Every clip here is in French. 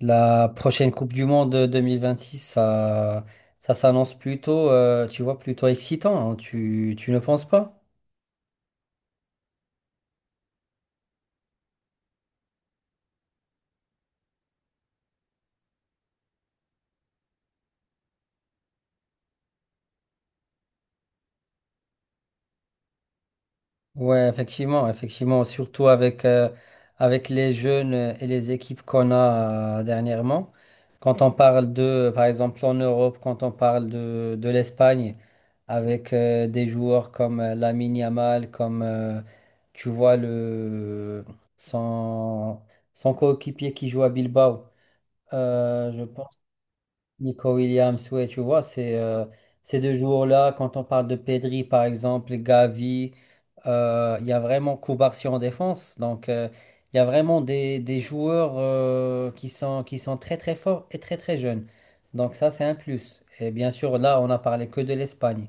La prochaine Coupe du Monde 2026, ça, ça s'annonce plutôt, tu vois, plutôt excitant, hein, tu ne penses pas? Ouais, effectivement, effectivement, surtout avec les jeunes et les équipes qu'on a dernièrement. Quand on parle de, par exemple, en Europe, quand on parle de l'Espagne, avec des joueurs comme Lamine Yamal, comme, tu vois, son, son coéquipier qui joue à Bilbao. Je pense que Nico Williams, ouais, tu vois, c'est ces deux jours-là, quand on parle de Pedri, par exemple, Gavi, il y a vraiment Koubarsi en défense. Donc, il y a vraiment des joueurs qui sont très, très forts et très, très jeunes. Donc, ça, c'est un plus. Et bien sûr, là, on n'a parlé que de l'Espagne.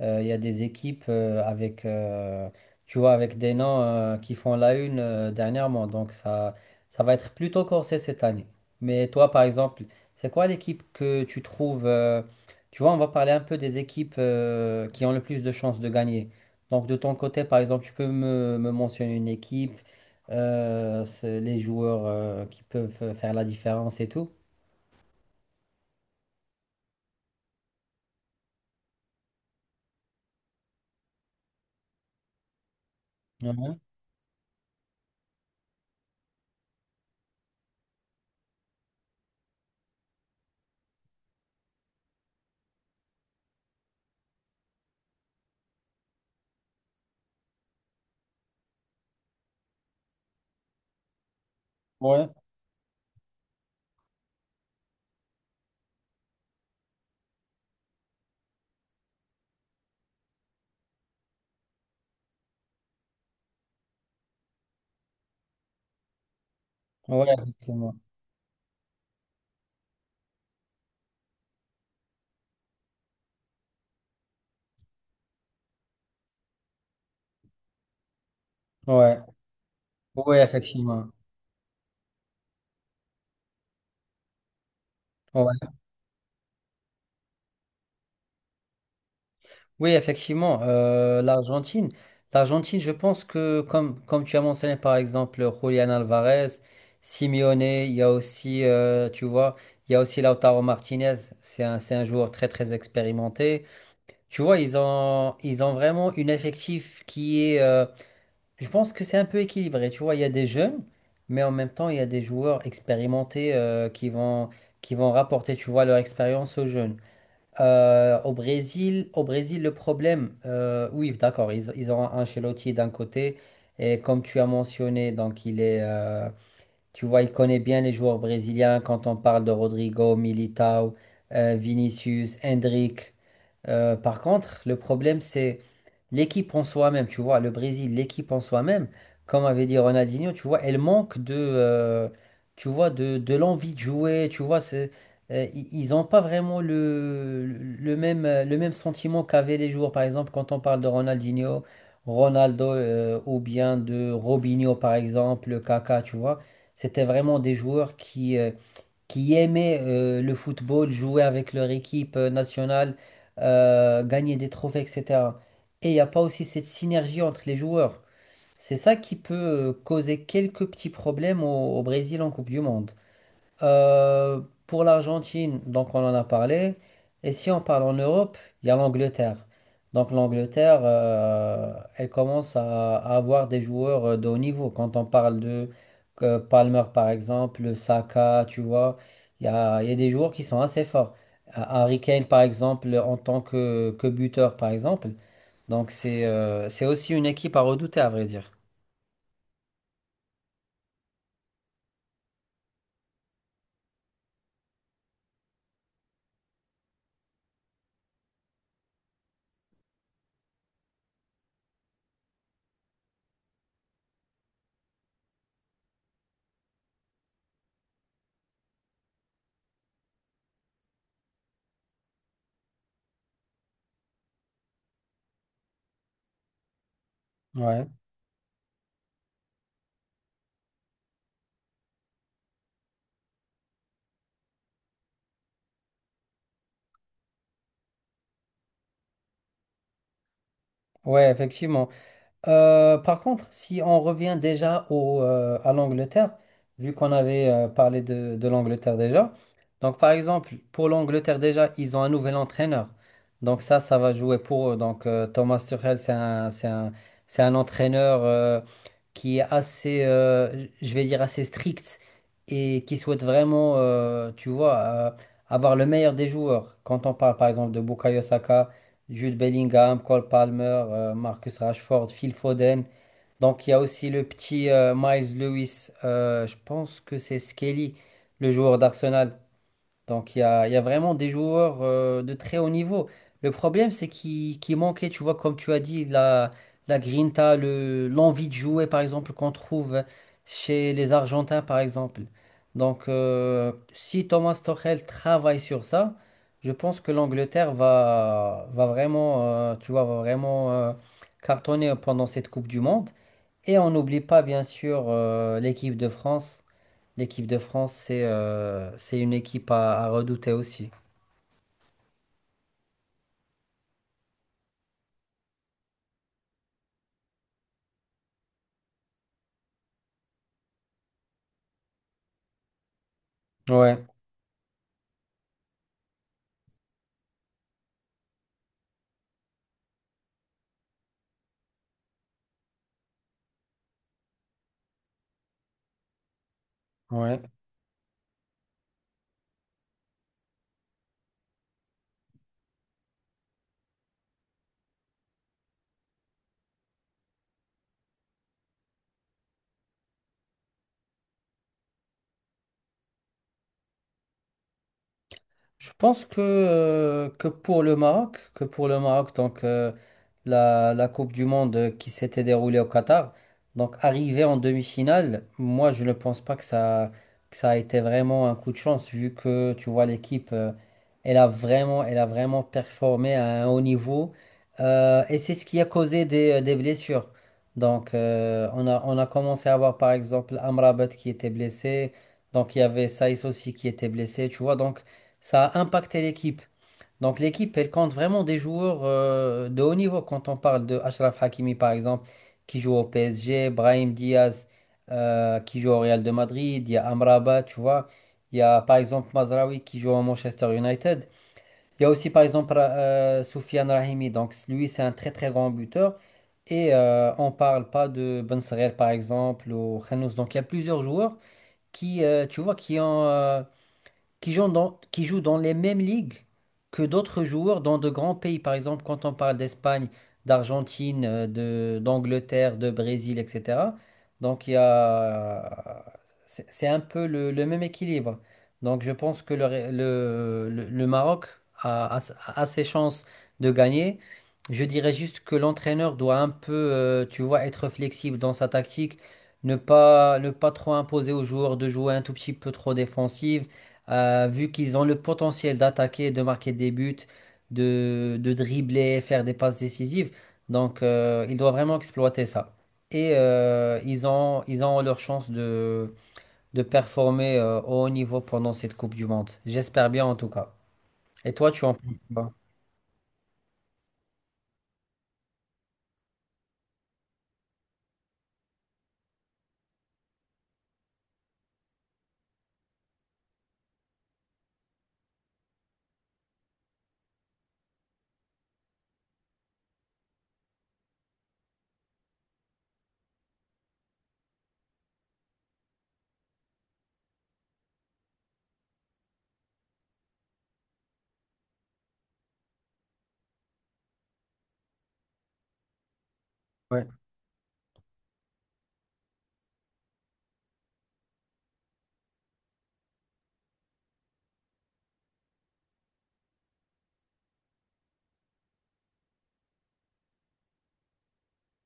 Il y a des équipes tu vois, avec des noms qui font la une dernièrement. Donc ça va être plutôt corsé cette année. Mais toi, par exemple, c'est quoi l'équipe que tu trouves. Tu vois, on va parler un peu des équipes qui ont le plus de chances de gagner. Donc de ton côté, par exemple, tu peux me mentionner une équipe, c'est les joueurs qui peuvent faire la différence et tout. Mhm. Ouais, ouais, effectivement. Ouais, ouais, effectivement. Ouais. Oui, effectivement, l'Argentine. L'Argentine, je pense que, comme tu as mentionné, par exemple, Julian Alvarez, Simeone, il y a aussi, tu vois, il y a aussi Lautaro Martinez. C'est un joueur très, très expérimenté. Tu vois, ils ont vraiment une effectif je pense que c'est un peu équilibré. Tu vois, il y a des jeunes, mais en même temps, il y a des joueurs expérimentés, qui vont rapporter, tu vois, leur expérience aux jeunes. Au Brésil, le problème, oui, d'accord, ils ont un Ancelotti d'un côté, et comme tu as mentionné, donc tu vois, il connaît bien les joueurs brésiliens quand on parle de Rodrigo, Militao, Vinicius, Hendrick. Par contre, le problème, c'est l'équipe en soi-même, tu vois, le Brésil, l'équipe en soi-même, comme avait dit Ronaldinho, tu vois, elle manque tu vois, de l'envie de jouer, tu vois, c'est, ils n'ont pas vraiment le même sentiment qu'avaient les joueurs. Par exemple, quand on parle de Ronaldinho, Ronaldo, ou bien de Robinho, par exemple, Kaka, tu vois, c'était vraiment des joueurs qui aimaient le football, jouer avec leur équipe nationale, gagner des trophées, etc. Et il n'y a pas aussi cette synergie entre les joueurs. C'est ça qui peut causer quelques petits problèmes au Brésil en Coupe du Monde. Euh, pour l'Argentine, donc on en a parlé. Et si on parle en Europe, il y a l'Angleterre. Donc l'Angleterre, elle commence à avoir des joueurs de haut niveau. Quand on parle de Palmer, par exemple, Saka, tu vois, il y a des joueurs qui sont assez forts. Harry Kane, par exemple, en tant que buteur, par exemple. Donc c'est aussi une équipe à redouter, à vrai dire. Ouais, ouais, effectivement. Par contre, si on revient déjà à l'Angleterre, vu qu'on avait parlé de l'Angleterre déjà, donc par exemple, pour l'Angleterre déjà, ils ont un nouvel entraîneur. Donc ça va jouer pour eux. Donc Thomas Tuchel, c'est un entraîneur qui est assez, je vais dire, assez strict et qui souhaite vraiment, tu vois, avoir le meilleur des joueurs. Quand on parle par exemple de Bukayo Saka, Jude Bellingham, Cole Palmer, Marcus Rashford, Phil Foden. Donc il y a aussi le petit Miles Lewis, je pense que c'est Skelly, le joueur d'Arsenal. Donc il y a vraiment des joueurs de très haut niveau. Le problème, c'est qu'il manquait, tu vois, comme tu as dit, la grinta, l'envie de jouer, par exemple, qu'on trouve chez les Argentins, par exemple. Donc si Thomas Tuchel travaille sur ça, je pense que l'Angleterre va vraiment, tu vois, va vraiment cartonner pendant cette Coupe du Monde. Et on n'oublie pas, bien sûr, l'équipe de France. L'équipe de France, c'est une équipe à redouter aussi. Ouais, ouais. Je pense que pour le Maroc, donc la Coupe du Monde qui s'était déroulée au Qatar, donc arrivé en demi-finale, moi je ne pense pas que ça a été vraiment un coup de chance vu que tu vois l'équipe, elle a vraiment performé à un haut niveau. Et c'est ce qui a causé des blessures. Donc on a commencé à avoir par exemple Amrabat qui était blessé, donc il y avait Saïs aussi qui était blessé, tu vois donc ça a impacté l'équipe. Donc l'équipe, elle compte vraiment des joueurs de haut niveau. Quand on parle de Achraf Hakimi, par exemple, qui joue au PSG, Brahim Diaz, qui joue au Real de Madrid, il y a Amrabat, tu vois. Il y a par exemple Mazraoui qui joue au Manchester United. Il y a aussi par exemple Soufiane Rahimi. Donc lui, c'est un très très grand buteur. Et on parle pas de Ben Seghir, par exemple, ou Khanous. Donc il y a plusieurs joueurs tu vois, qui jouent dans les mêmes ligues que d'autres joueurs dans de grands pays. Par exemple, quand on parle d'Espagne, d'Argentine, d'Angleterre, de Brésil, etc. Donc, c'est un peu le même équilibre. Donc, je pense que le, Ré- le Maroc a ses chances de gagner. Je dirais juste que l'entraîneur doit un peu, tu vois, être flexible dans sa tactique, ne pas trop imposer aux joueurs de jouer un tout petit peu trop défensif vu qu'ils ont le potentiel d'attaquer, de marquer des buts, de dribbler, faire des passes décisives. Donc, ils doivent vraiment exploiter ça. Et ils ont leur chance de performer au haut niveau pendant cette Coupe du Monde. J'espère bien en tout cas. Et toi, tu en penses quoi? Ouais.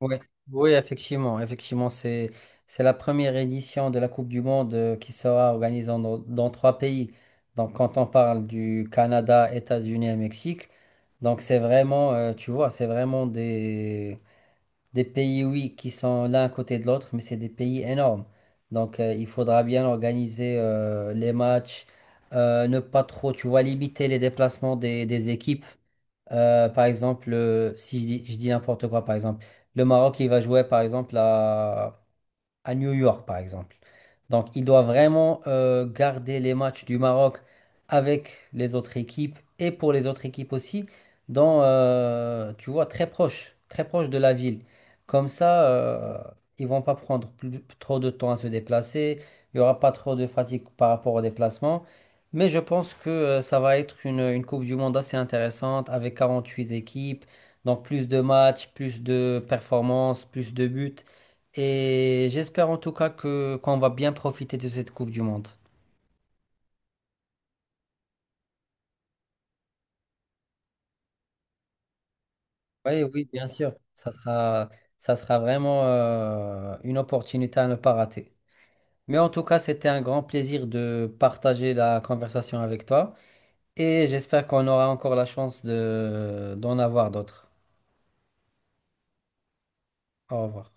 Ouais. Oui, effectivement. Effectivement, c'est la première édition de la Coupe du Monde qui sera organisée dans trois pays. Donc, quand on parle du Canada, États-Unis et Mexique. Donc c'est vraiment, tu vois, c'est vraiment des pays, oui, qui sont l'un à côté de l'autre, mais c'est des pays énormes. Donc il faudra bien organiser les matchs, ne pas trop, tu vois, limiter les déplacements des équipes. Par exemple, si je dis n'importe quoi, par exemple, le Maroc, il va jouer, par exemple, à New York, par exemple. Donc, il doit vraiment garder les matchs du Maroc avec les autres équipes et pour les autres équipes aussi, tu vois, très proche de la ville. Comme ça, ils vont pas prendre trop de temps à se déplacer. Il y aura pas trop de fatigue par rapport au déplacement. Mais je pense que ça va être une Coupe du Monde assez intéressante avec 48 équipes. Donc plus de matchs, plus de performances, plus de buts. Et j'espère en tout cas que qu'on va bien profiter de cette Coupe du Monde. Oui, oui, bien sûr. Ça sera vraiment une opportunité à ne pas rater. Mais en tout cas, c'était un grand plaisir de partager la conversation avec toi. Et j'espère qu'on aura encore la chance d'en avoir d'autres. Au revoir.